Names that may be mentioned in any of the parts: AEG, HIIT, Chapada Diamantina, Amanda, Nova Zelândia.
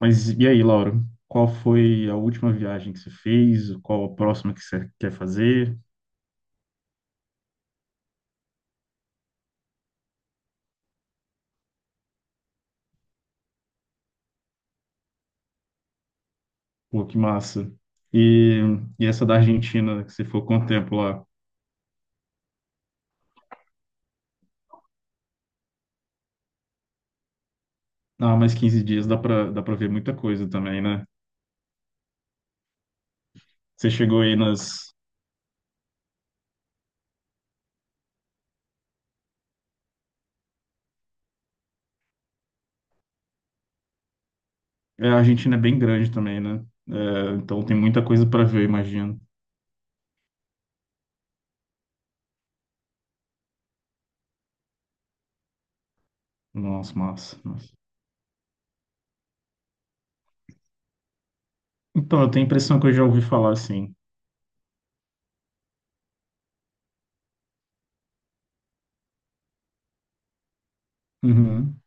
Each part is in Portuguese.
Mas e aí, Lauro? Qual foi a última viagem que você fez? Qual a próxima que você quer fazer? Pô, que massa. E, e essa da Argentina, que você ficou quanto tempo lá? Ah, mais 15 dias dá pra ver muita coisa também, né? Você chegou aí nas. A Argentina é bem grande também, né? É, então tem muita coisa pra ver, eu imagino. Nossa, massa, nossa. Então, eu tenho a impressão que eu já ouvi falar, sim. Uhum.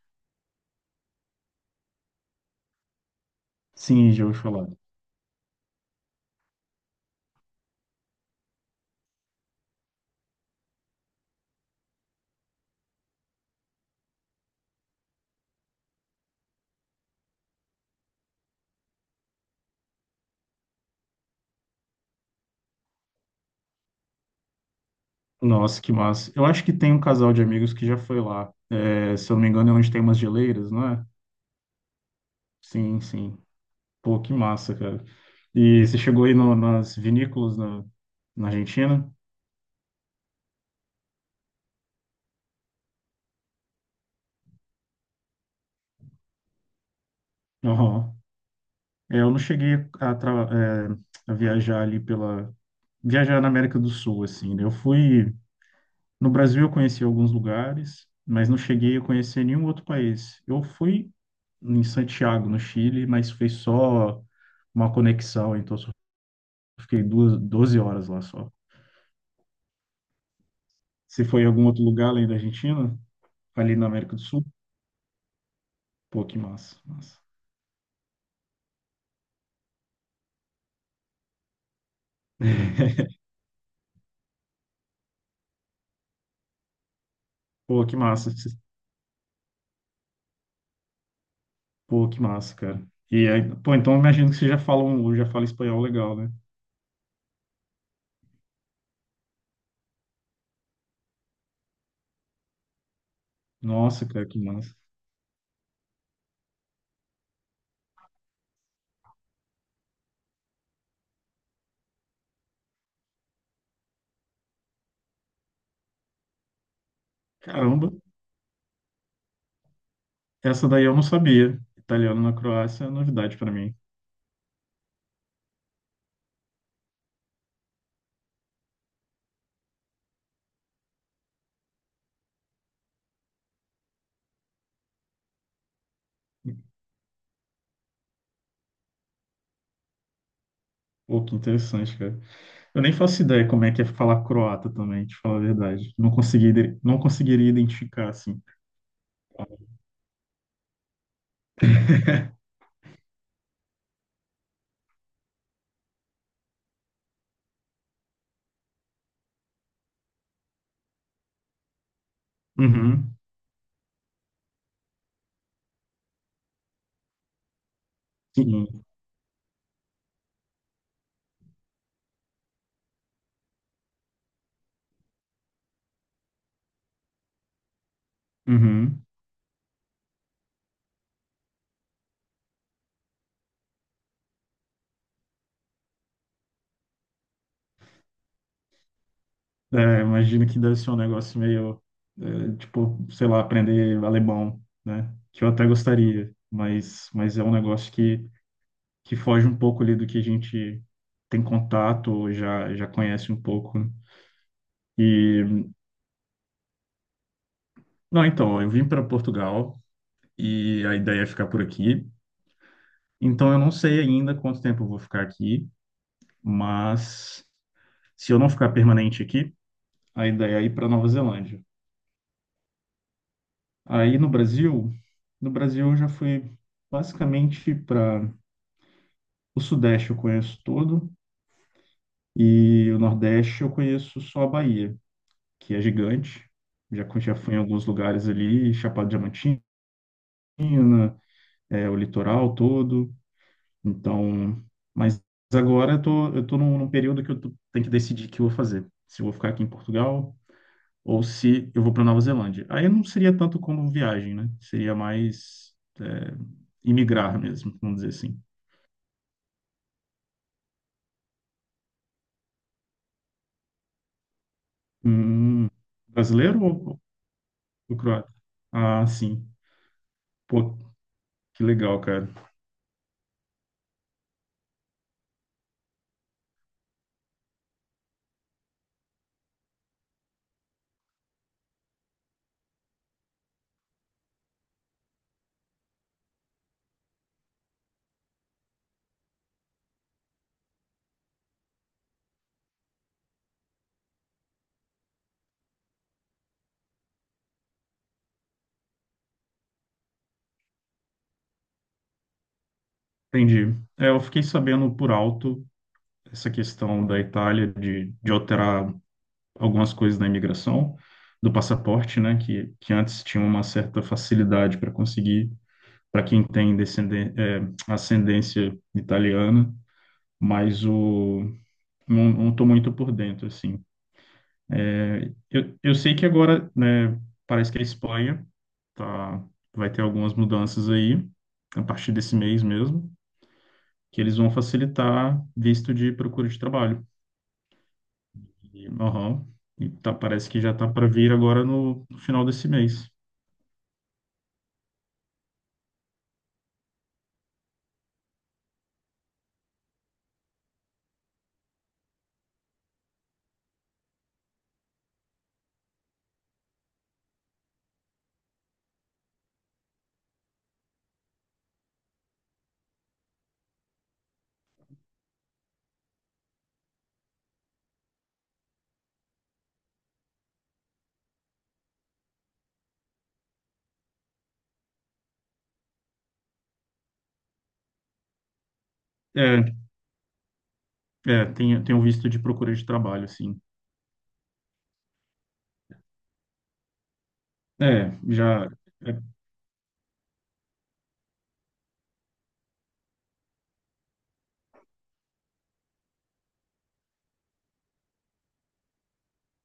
Sim, já ouvi falar. Nossa, que massa. Eu acho que tem um casal de amigos que já foi lá. É, se eu não me engano, é onde tem umas geleiras, não é? Sim, sim. Pô, que massa, cara. E você chegou aí nas vinícolas na, na Argentina? Aham. É, eu não cheguei a, tra- a viajar ali pela... Viajar na América do Sul, assim, né? Eu fui... No Brasil eu conheci alguns lugares, mas não cheguei a conhecer nenhum outro país. Eu fui em Santiago, no Chile, mas foi só uma conexão, então fiquei duas, 12 horas lá só. Você foi em algum outro lugar além da Argentina? Ali na América do Sul? Pô, que massa, massa. Pô, que massa. Pô, que massa, cara. E aí, pô, então eu imagino que você já fala, um, já fala espanhol legal, né? Nossa, cara, que massa. Caramba, essa daí eu não sabia. Italiano na Croácia é novidade pra mim. Pô, que interessante, cara. Eu nem faço ideia como é que é falar croata também, te falar a verdade. Não consegui, ide- não conseguiria identificar, assim. Uhum, sim, uhum. É, imagino que deve ser um negócio meio, é, tipo, sei lá, aprender alemão, né? Que eu até gostaria, mas é um negócio que foge um pouco ali do que a gente tem contato ou já conhece um pouco, né? E, não, então, eu vim para Portugal e a ideia é ficar por aqui. Então, eu não sei ainda quanto tempo eu vou ficar aqui, mas se eu não ficar permanente aqui, a ideia é ir para Nova Zelândia. Aí no Brasil eu já fui basicamente para o Sudeste. Eu conheço todo, e o Nordeste eu conheço só a Bahia, que é gigante. Já fui em alguns lugares ali, Chapada Diamantina, é, o litoral todo. Então, mas agora eu tô num período que tenho que decidir o que eu vou fazer. Se eu vou ficar aqui em Portugal ou se eu vou para Nova Zelândia. Aí não seria tanto como viagem, né? Seria mais é, imigrar mesmo, vamos dizer assim. Hum, brasileiro ou croata? Ah, sim. Pô, que legal, cara. Entendi. É, eu fiquei sabendo por alto essa questão da Itália de, alterar algumas coisas na imigração, do passaporte, né? Que antes tinha uma certa facilidade para conseguir. Para quem tem ascendência italiana, mas o, não, não tô muito por dentro, assim. Eu sei que agora, né, parece que a Espanha tá, vai ter algumas mudanças aí, a partir desse mês mesmo, que eles vão facilitar visto de procura de trabalho. E, aham, e tá, parece que já tá para vir agora no, no final desse mês. É, é, tem um visto de procura de trabalho, assim. É, já, é,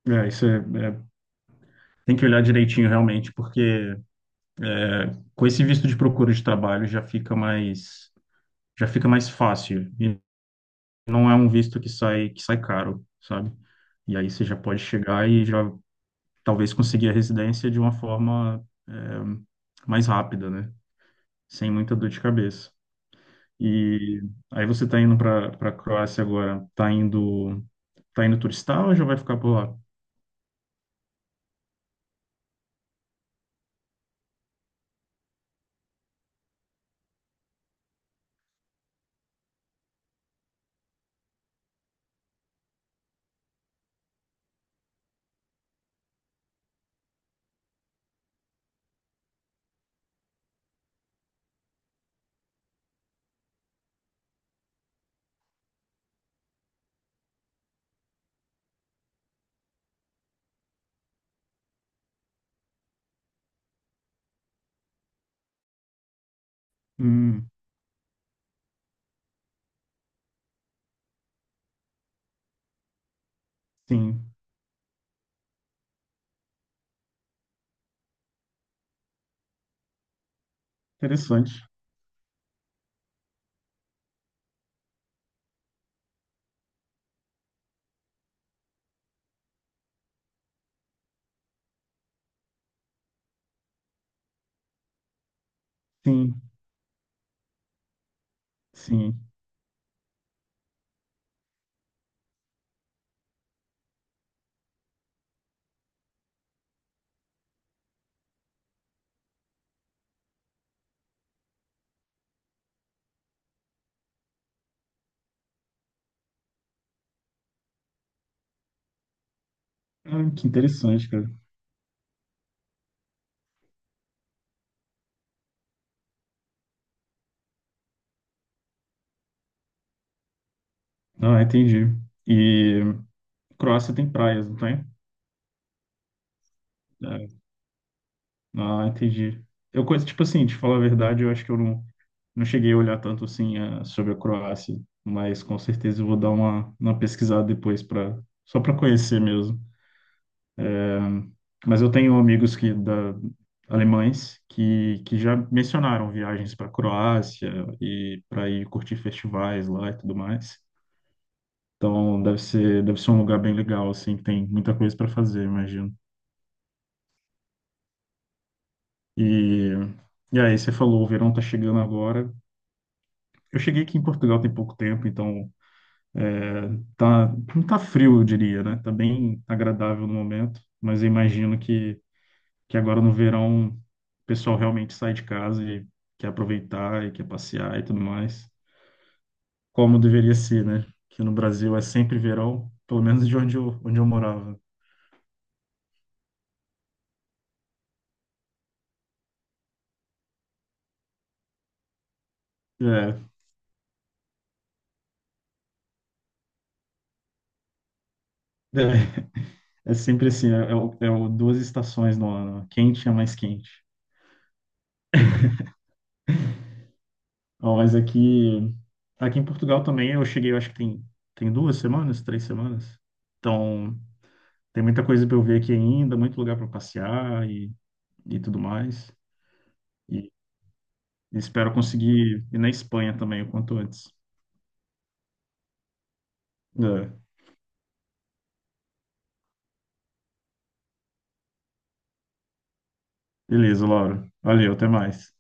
é, isso é, é, tem que olhar direitinho realmente, porque com esse visto de procura de trabalho já fica mais. Já fica mais fácil, e não é um visto que sai caro, sabe? E aí você já pode chegar e já talvez conseguir a residência de uma forma mais rápida, né? Sem muita dor de cabeça. E aí você tá indo para Croácia agora, tá indo, turistar ou já vai ficar por lá? Hum, sim, interessante. Sim, sim. Ah, que interessante, cara. Ah, entendi. E Croácia tem praias, não tem? Ah, entendi. Eu conheço, tipo assim, te falar a verdade, eu acho que eu não, não cheguei a olhar tanto assim sobre a Croácia, mas com certeza eu vou dar uma, pesquisada depois para só para conhecer mesmo. Mas eu tenho amigos que da alemães que já mencionaram viagens para Croácia e para ir curtir festivais lá e tudo mais. Então deve ser um lugar bem legal assim, que tem muita coisa para fazer, imagino. E e aí você falou, o verão tá chegando agora. Eu cheguei aqui em Portugal tem pouco tempo, então é, tá, não tá frio, eu diria, né? Tá bem agradável no momento, mas eu imagino que, agora no verão o pessoal realmente sai de casa e quer aproveitar e quer passear e tudo mais, como deveria ser, né? Que no Brasil é sempre verão, pelo menos de onde eu morava. É, é, é sempre assim, o duas estações no ano, né? Quente e a mais quente. Ó, mas aqui, aqui em Portugal também eu cheguei, eu acho que tem 2 semanas, 3 semanas. Então, tem muita coisa para eu ver aqui ainda, muito lugar para passear e tudo mais. E espero conseguir ir na Espanha também o quanto antes. É. Beleza, Laura. Valeu, até mais.